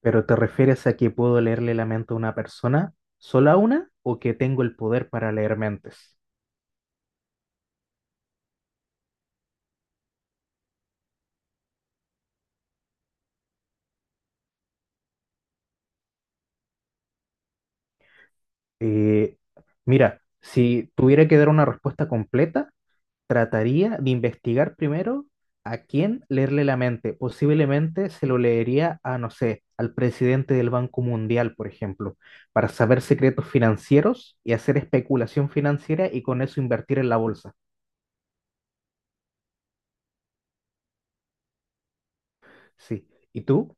¿Pero te refieres a que puedo leerle la mente a una persona, sola una, o que tengo el poder para leer mentes? Eh, Mira, si tuviera que dar una respuesta completa, trataría de investigar primero a quién leerle la mente. Posiblemente se lo leería a, no sé, al presidente del Banco Mundial, por ejemplo, para saber secretos financieros y hacer especulación financiera y con eso invertir en la bolsa. Sí. ¿Y tú?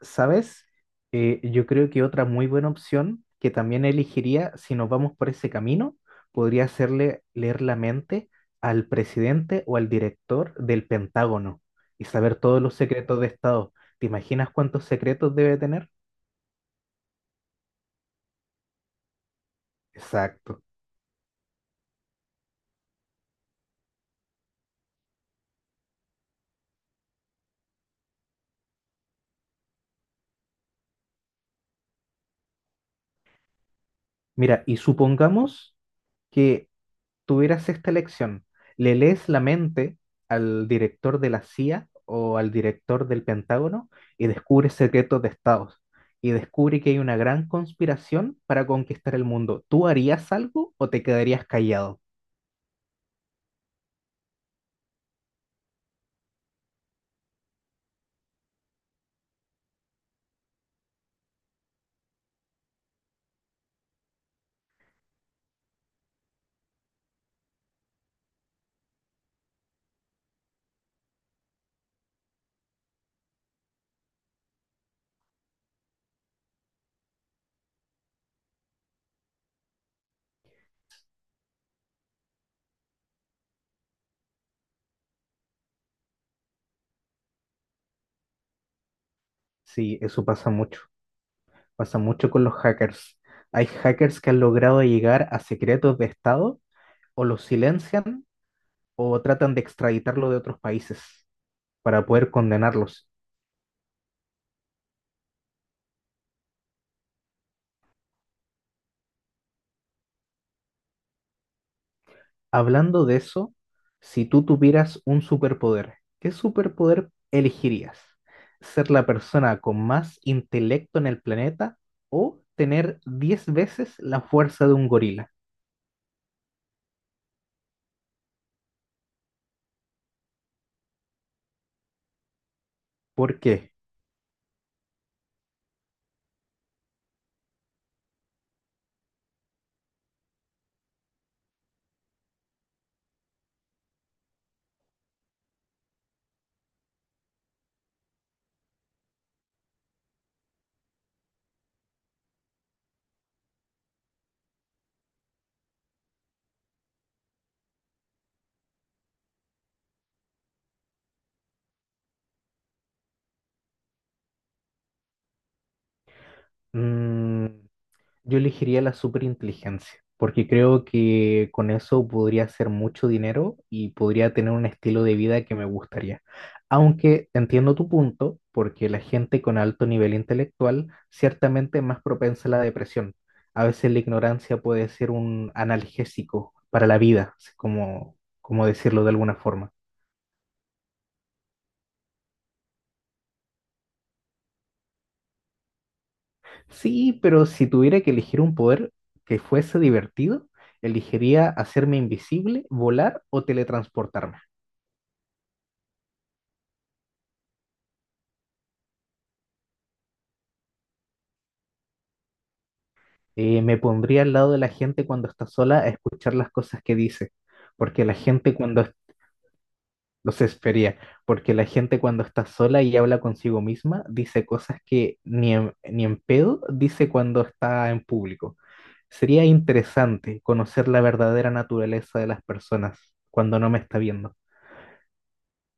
¿Sabes? Yo creo que otra muy buena opción que también elegiría, si nos vamos por ese camino, podría hacerle leer la mente al presidente o al director del Pentágono y saber todos los secretos de Estado. ¿Te imaginas cuántos secretos debe tener? Exacto. Mira, y supongamos que tuvieras esta elección, ¿le lees la mente al director de la CIA o al director del Pentágono y descubres secretos de estados? Y descubre que hay una gran conspiración para conquistar el mundo. ¿Tú harías algo o te quedarías callado? Sí, eso pasa mucho. Pasa mucho con los hackers. Hay hackers que han logrado llegar a secretos de Estado o los silencian o tratan de extraditarlo de otros países para poder condenarlos. Hablando de eso, si tú tuvieras un superpoder, ¿qué superpoder elegirías? ¿Ser la persona con más intelecto en el planeta o tener 10 veces la fuerza de un gorila? ¿Por qué? Mm, Yo elegiría la superinteligencia, porque creo que con eso podría hacer mucho dinero y podría tener un estilo de vida que me gustaría. Aunque entiendo tu punto, porque la gente con alto nivel intelectual ciertamente es más propensa a la depresión. A veces la ignorancia puede ser un analgésico para la vida, es como, como decirlo de alguna forma. Sí, pero si tuviera que elegir un poder que fuese divertido, elegiría hacerme invisible, volar o teletransportarme. Me pondría al lado de la gente cuando está sola a escuchar las cosas que dice, porque la gente cuando los espería, porque la gente cuando está sola y habla consigo misma dice cosas que ni en pedo dice cuando está en público. Sería interesante conocer la verdadera naturaleza de las personas cuando no me está viendo.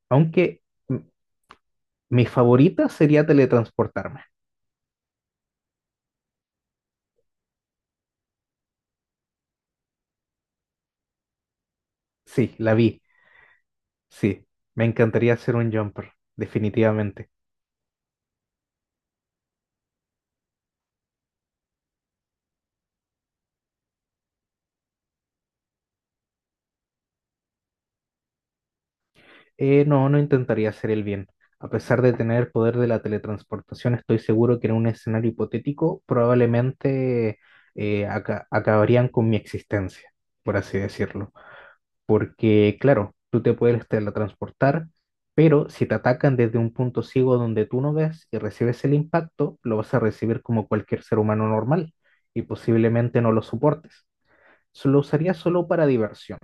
Aunque m- mi favorita sería teletransportarme. Sí, la vi. Sí, me encantaría ser un jumper, definitivamente. No, no intentaría hacer el bien. A pesar de tener el poder de la teletransportación, estoy seguro que en un escenario hipotético probablemente acabarían con mi existencia, por así decirlo. Porque, claro, tú te puedes teletransportar, pero si te atacan desde un punto ciego donde tú no ves y recibes el impacto, lo vas a recibir como cualquier ser humano normal y posiblemente no lo soportes. Lo usaría solo para diversión.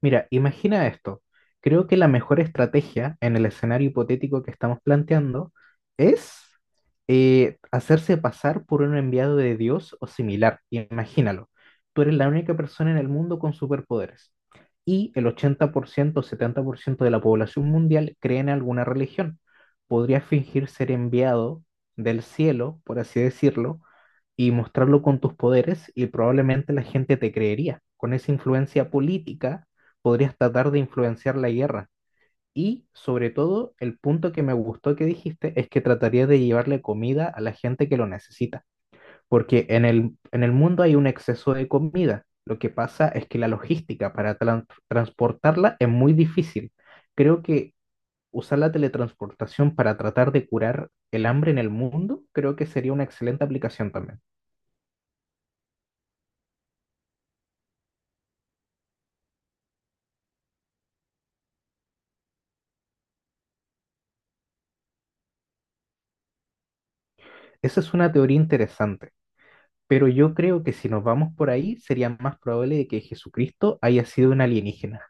Mira, imagina esto. Creo que la mejor estrategia en el escenario hipotético que estamos planteando es hacerse pasar por un enviado de Dios o similar. Imagínalo. Tú eres la única persona en el mundo con superpoderes y el 80% o 70% de la población mundial cree en alguna religión. Podrías fingir ser enviado del cielo, por así decirlo, y mostrarlo con tus poderes y probablemente la gente te creería. Con esa influencia política podrías tratar de influenciar la guerra. Y sobre todo, el punto que me gustó que dijiste es que trataría de llevarle comida a la gente que lo necesita, porque en el mundo hay un exceso de comida. Lo que pasa es que la logística para transportarla es muy difícil. Creo que usar la teletransportación para tratar de curar el hambre en el mundo, creo que sería una excelente aplicación también. Esa es una teoría interesante, pero yo creo que si nos vamos por ahí, sería más probable de que Jesucristo haya sido un alienígena.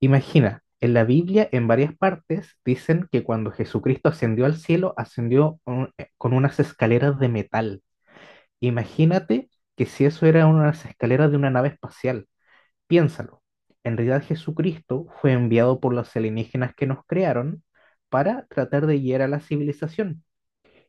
Imagina, en la Biblia, en varias partes, dicen que cuando Jesucristo ascendió al cielo, ascendió con unas escaleras de metal. Imagínate que si eso era unas escaleras de una nave espacial. Piénsalo. En realidad, Jesucristo fue enviado por los alienígenas que nos crearon para tratar de guiar a la civilización.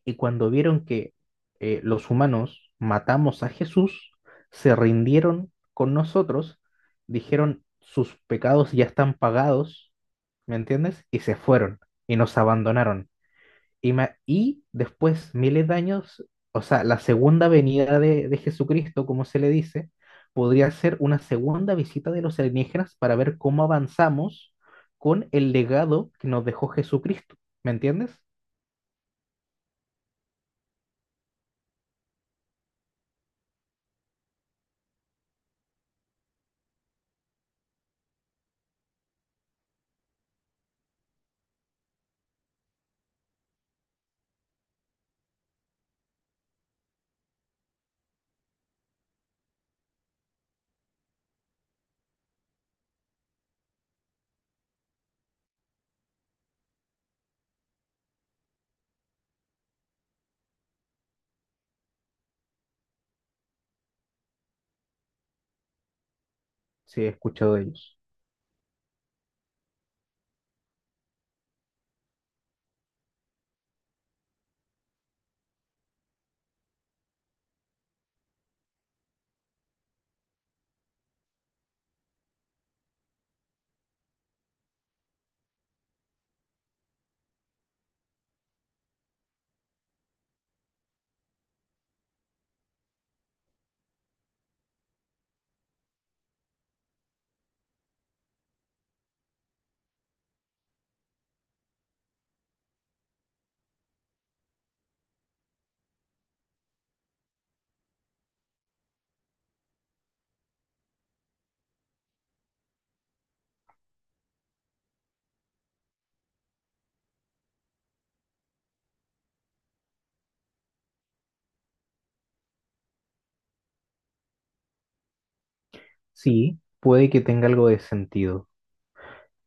Y cuando vieron que los humanos matamos a Jesús, se rindieron con nosotros, dijeron sus pecados ya están pagados, ¿me entiendes? Y se fueron y nos abandonaron. Y, y después, miles de años, o sea, la segunda venida de Jesucristo, como se le dice, podría ser una segunda visita de los alienígenas para ver cómo avanzamos con el legado que nos dejó Jesucristo, ¿me entiendes? Sí, he escuchado de ellos. Sí, puede que tenga algo de sentido.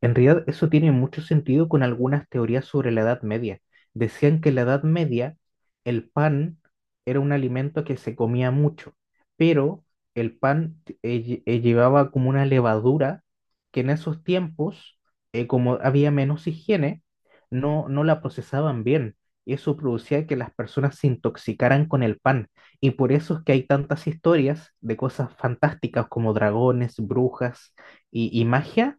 En realidad, eso tiene mucho sentido con algunas teorías sobre la Edad Media. Decían que en la Edad Media el pan era un alimento que se comía mucho, pero el pan llevaba como una levadura que en esos tiempos, como había menos higiene, no la procesaban bien. Y eso producía que las personas se intoxicaran con el pan. Y por eso es que hay tantas historias de cosas fantásticas como dragones, brujas y magia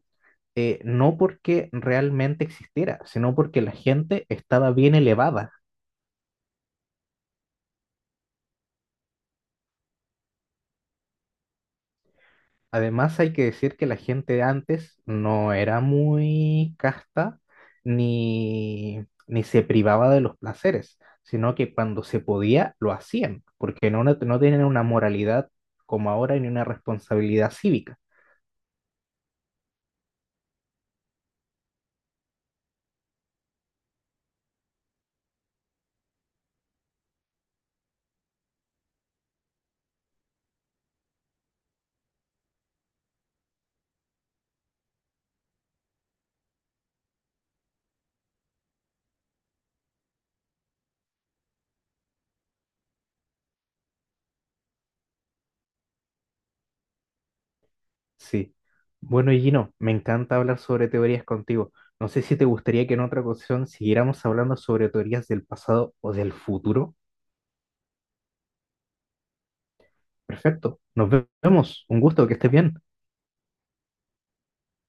no porque realmente existiera, sino porque la gente estaba bien elevada. Además, hay que decir que la gente antes no era muy casta ni se privaba de los placeres, sino que cuando se podía lo hacían, porque no tienen una moralidad como ahora ni una responsabilidad cívica. Sí. Bueno, Gino, me encanta hablar sobre teorías contigo. No sé si te gustaría que en otra ocasión siguiéramos hablando sobre teorías del pasado o del futuro. Perfecto. Nos vemos. Un gusto, que estés bien.